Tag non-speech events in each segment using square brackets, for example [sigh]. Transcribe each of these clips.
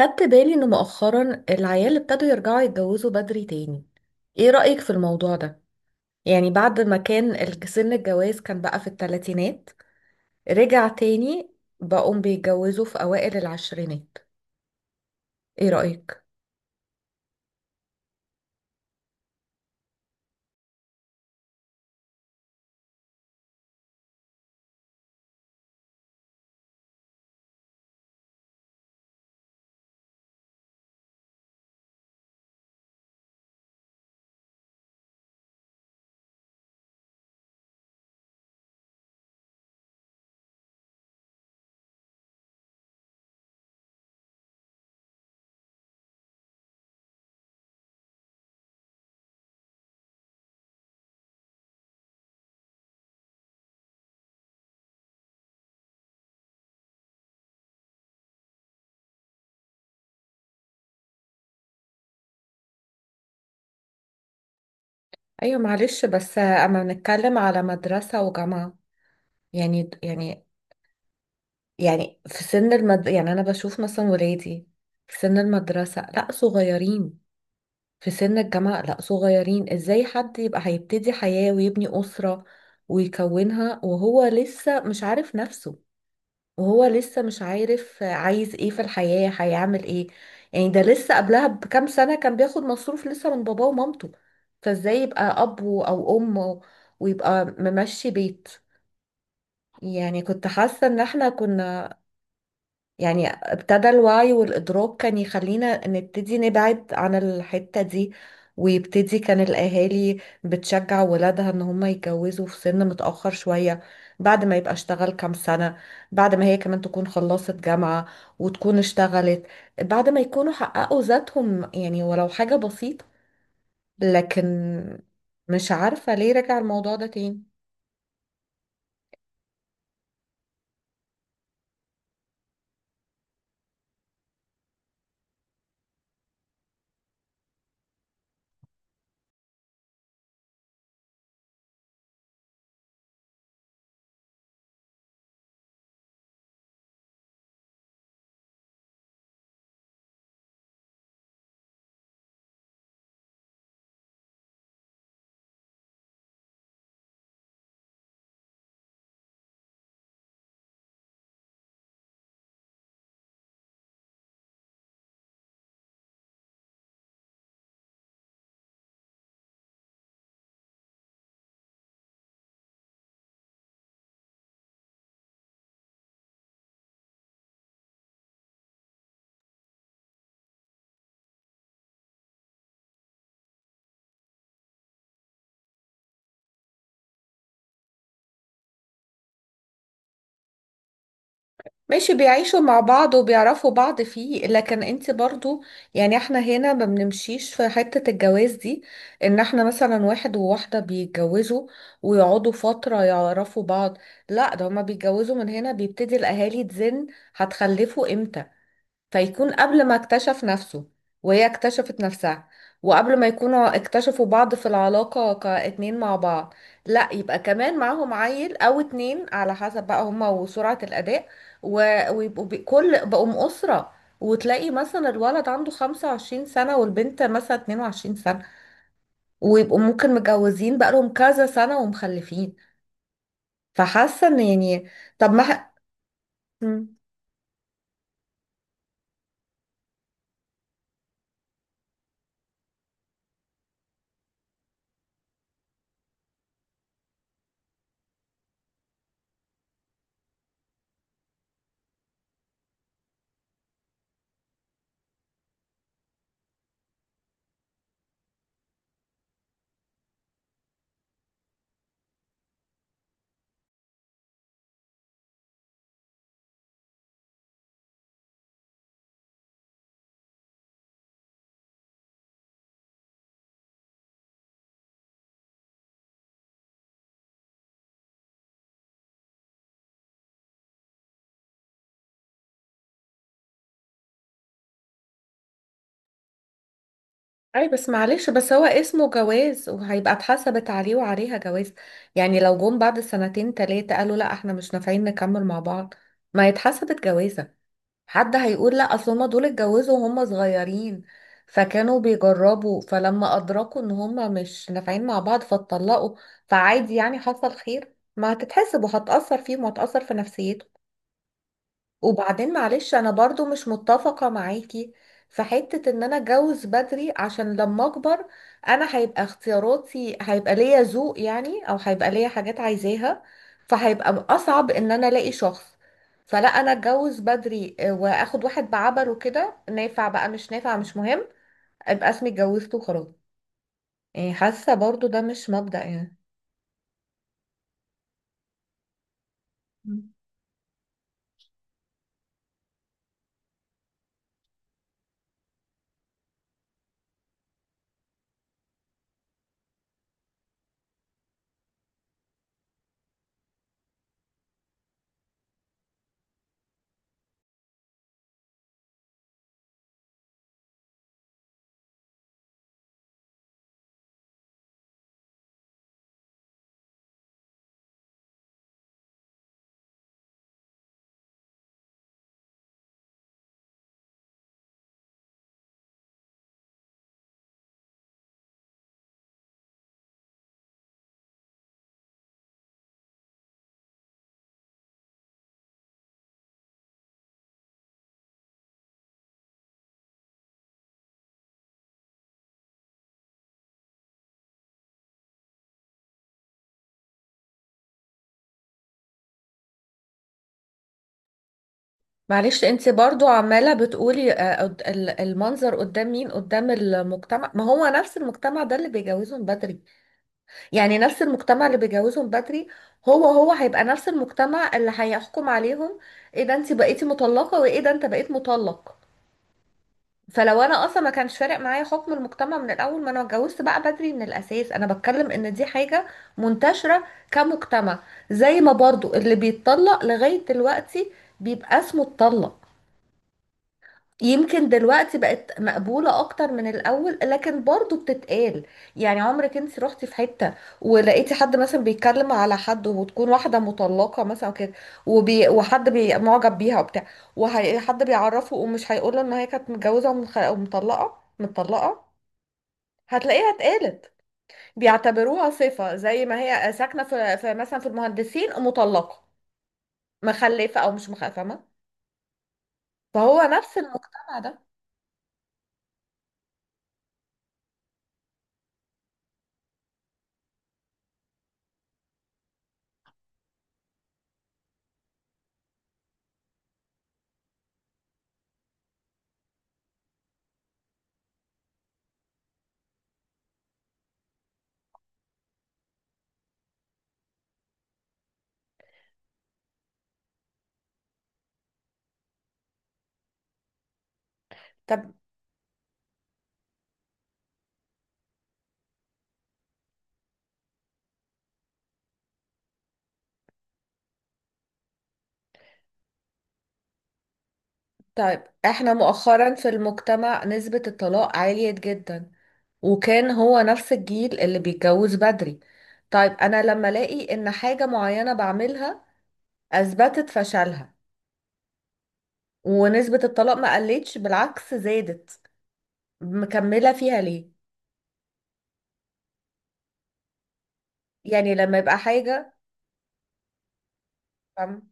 خدت بالي ان مؤخرا العيال ابتدوا يرجعوا يتجوزوا بدري تاني. ايه رأيك في الموضوع ده؟ يعني بعد ما كان سن الجواز كان بقى في الثلاثينات، رجع تاني، بقوم بيتجوزوا في اوائل العشرينات. ايه رأيك؟ ايوه معلش، بس اما نتكلم على مدرسة وجامعة، يعني يعني يعني يعني انا بشوف مثلا ولادي في سن المدرسة لا صغيرين، في سن الجامعة لا صغيرين. ازاي حد يبقى هيبتدي حياة ويبني أسرة ويكونها وهو لسه مش عارف نفسه، وهو لسه مش عارف عايز ايه في الحياة، هيعمل ايه؟ يعني ده لسه قبلها بكام سنة كان بياخد مصروف لسه من باباه ومامته، فازاي يبقى أب أو أم ويبقى ممشي بيت؟ يعني كنت حاسة ان احنا كنا، يعني ابتدى الوعي والإدراك كان يخلينا نبتدي نبعد عن الحتة دي، ويبتدي كان الأهالي بتشجع ولادها إن هم يتجوزوا في سن متأخر شوية، بعد ما يبقى اشتغل كام سنة، بعد ما هي كمان تكون خلصت جامعة وتكون اشتغلت، بعد ما يكونوا حققوا ذاتهم يعني ولو حاجة بسيطة. لكن مش عارفة ليه رجع الموضوع ده تاني. ماشي، بيعيشوا مع بعض وبيعرفوا بعض فيه، لكن انت برضو، يعني احنا هنا ما بنمشيش في حتة الجواز دي، ان احنا مثلا واحد وواحدة بيتجوزوا ويقعدوا فترة يعرفوا بعض، لا، ده هما بيتجوزوا. من هنا بيبتدي الاهالي تزن: هتخلفوا امتى؟ فيكون قبل ما اكتشف نفسه وهي اكتشفت نفسها، وقبل ما يكونوا اكتشفوا بعض في العلاقة كاتنين مع بعض، لا يبقى كمان معاهم عيل او اتنين على حسب بقى هما وسرعة الاداء، ويبقوا بي- كل بقوا اسرة. وتلاقي مثلا الولد عنده 25 سنة والبنت مثلا 22 سنة، ويبقوا ممكن متجوزين بقالهم كذا سنة ومخلفين. فحاسة ان يعني، طب ما ح- اي بس معلش، بس هو اسمه جواز، وهيبقى اتحسبت عليه وعليها جواز. يعني لو جم بعد سنتين تلاتة قالوا لا احنا مش نافعين نكمل مع بعض، ما يتحسبت جوازة؟ حد هيقول لا، اصل هما دول اتجوزوا وهم صغيرين فكانوا بيجربوا، فلما ادركوا ان هما مش نافعين مع بعض فاتطلقوا، فعادي يعني حصل خير. ما هتتحسب وهتأثر فيهم وهتأثر في نفسيتهم. وبعدين معلش، انا برضو مش متفقة معاكي في حتة ان انا اتجوز بدري عشان لما اكبر انا هيبقى اختياراتي، هيبقى ليا ذوق يعني، او هيبقى ليا حاجات عايزاها، فهيبقى اصعب ان انا الاقي شخص. فلا، انا اتجوز بدري واخد واحد بعبره كده، نافع بقى مش نافع مش مهم، ابقى اسمي اتجوزت وخلاص. يعني حاسة برضو ده مش مبدأ يعني. معلش، انت برضو عمالة بتقولي المنظر قدام مين، قدام المجتمع؟ ما هو نفس المجتمع ده اللي بيجوزهم بدري. يعني نفس المجتمع اللي بيجوزهم بدري هو هو هيبقى نفس المجتمع اللي هيحكم عليهم: ايه ده انت بقيتي مطلقة، وايه ده انت بقيت مطلق. فلو انا اصلا ما كانش فارق معايا حكم المجتمع من الاول، ما انا اتجوزت بقى بدري من الاساس. انا بتكلم ان دي حاجة منتشرة كمجتمع، زي ما برضو اللي بيتطلق لغاية دلوقتي بيبقى اسمه اتطلق. يمكن دلوقتي بقت مقبولة أكتر من الأول، لكن برضو بتتقال. يعني عمرك انت رحتي في حتة ولقيتي حد مثلا بيتكلم على حد، وتكون واحدة مطلقة مثلا كده، وحد معجب بيها وبتاع، وحد بيعرفه، ومش هيقوله إن هي كانت متجوزة ومطلقة متطلقة؟ هتلاقيها اتقالت. بيعتبروها صفة، زي ما هي ساكنة في مثلا في المهندسين، مطلقة، مخلفة أو مش مخلفة، فاهمة؟ فهو نفس المجتمع ده. طب، طيب احنا مؤخرا في المجتمع نسبة الطلاق عالية جدا، وكان هو نفس الجيل اللي بيتجوز بدري. طيب انا لما الاقي ان حاجة معينة بعملها اثبتت فشلها، ونسبة الطلاق ما قلتش، بالعكس زادت، مكملة فيها ليه؟ يعني لما يبقى حاجة، فاهم؟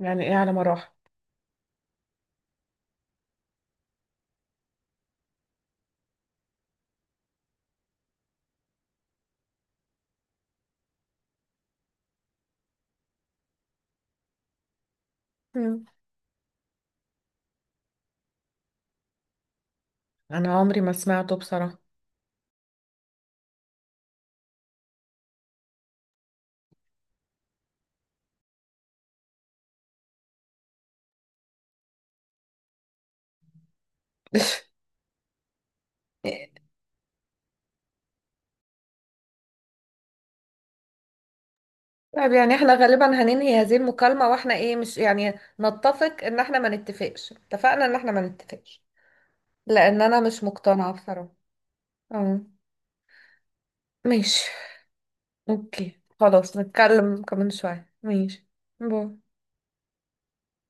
يعني ايه على مراحل؟ مم. انا عمري ما سمعته بصراحة. [laughs] طيب، يعني احنا غالبا هننهي هذه المكالمة واحنا ايه، مش يعني نتفق، ان احنا ما نتفقش. اتفقنا ان احنا ما نتفقش لان انا مش مقتنعة بصراحة. اه. ماشي. اوكي خلاص، نتكلم كمان شوية، ماشي، باي.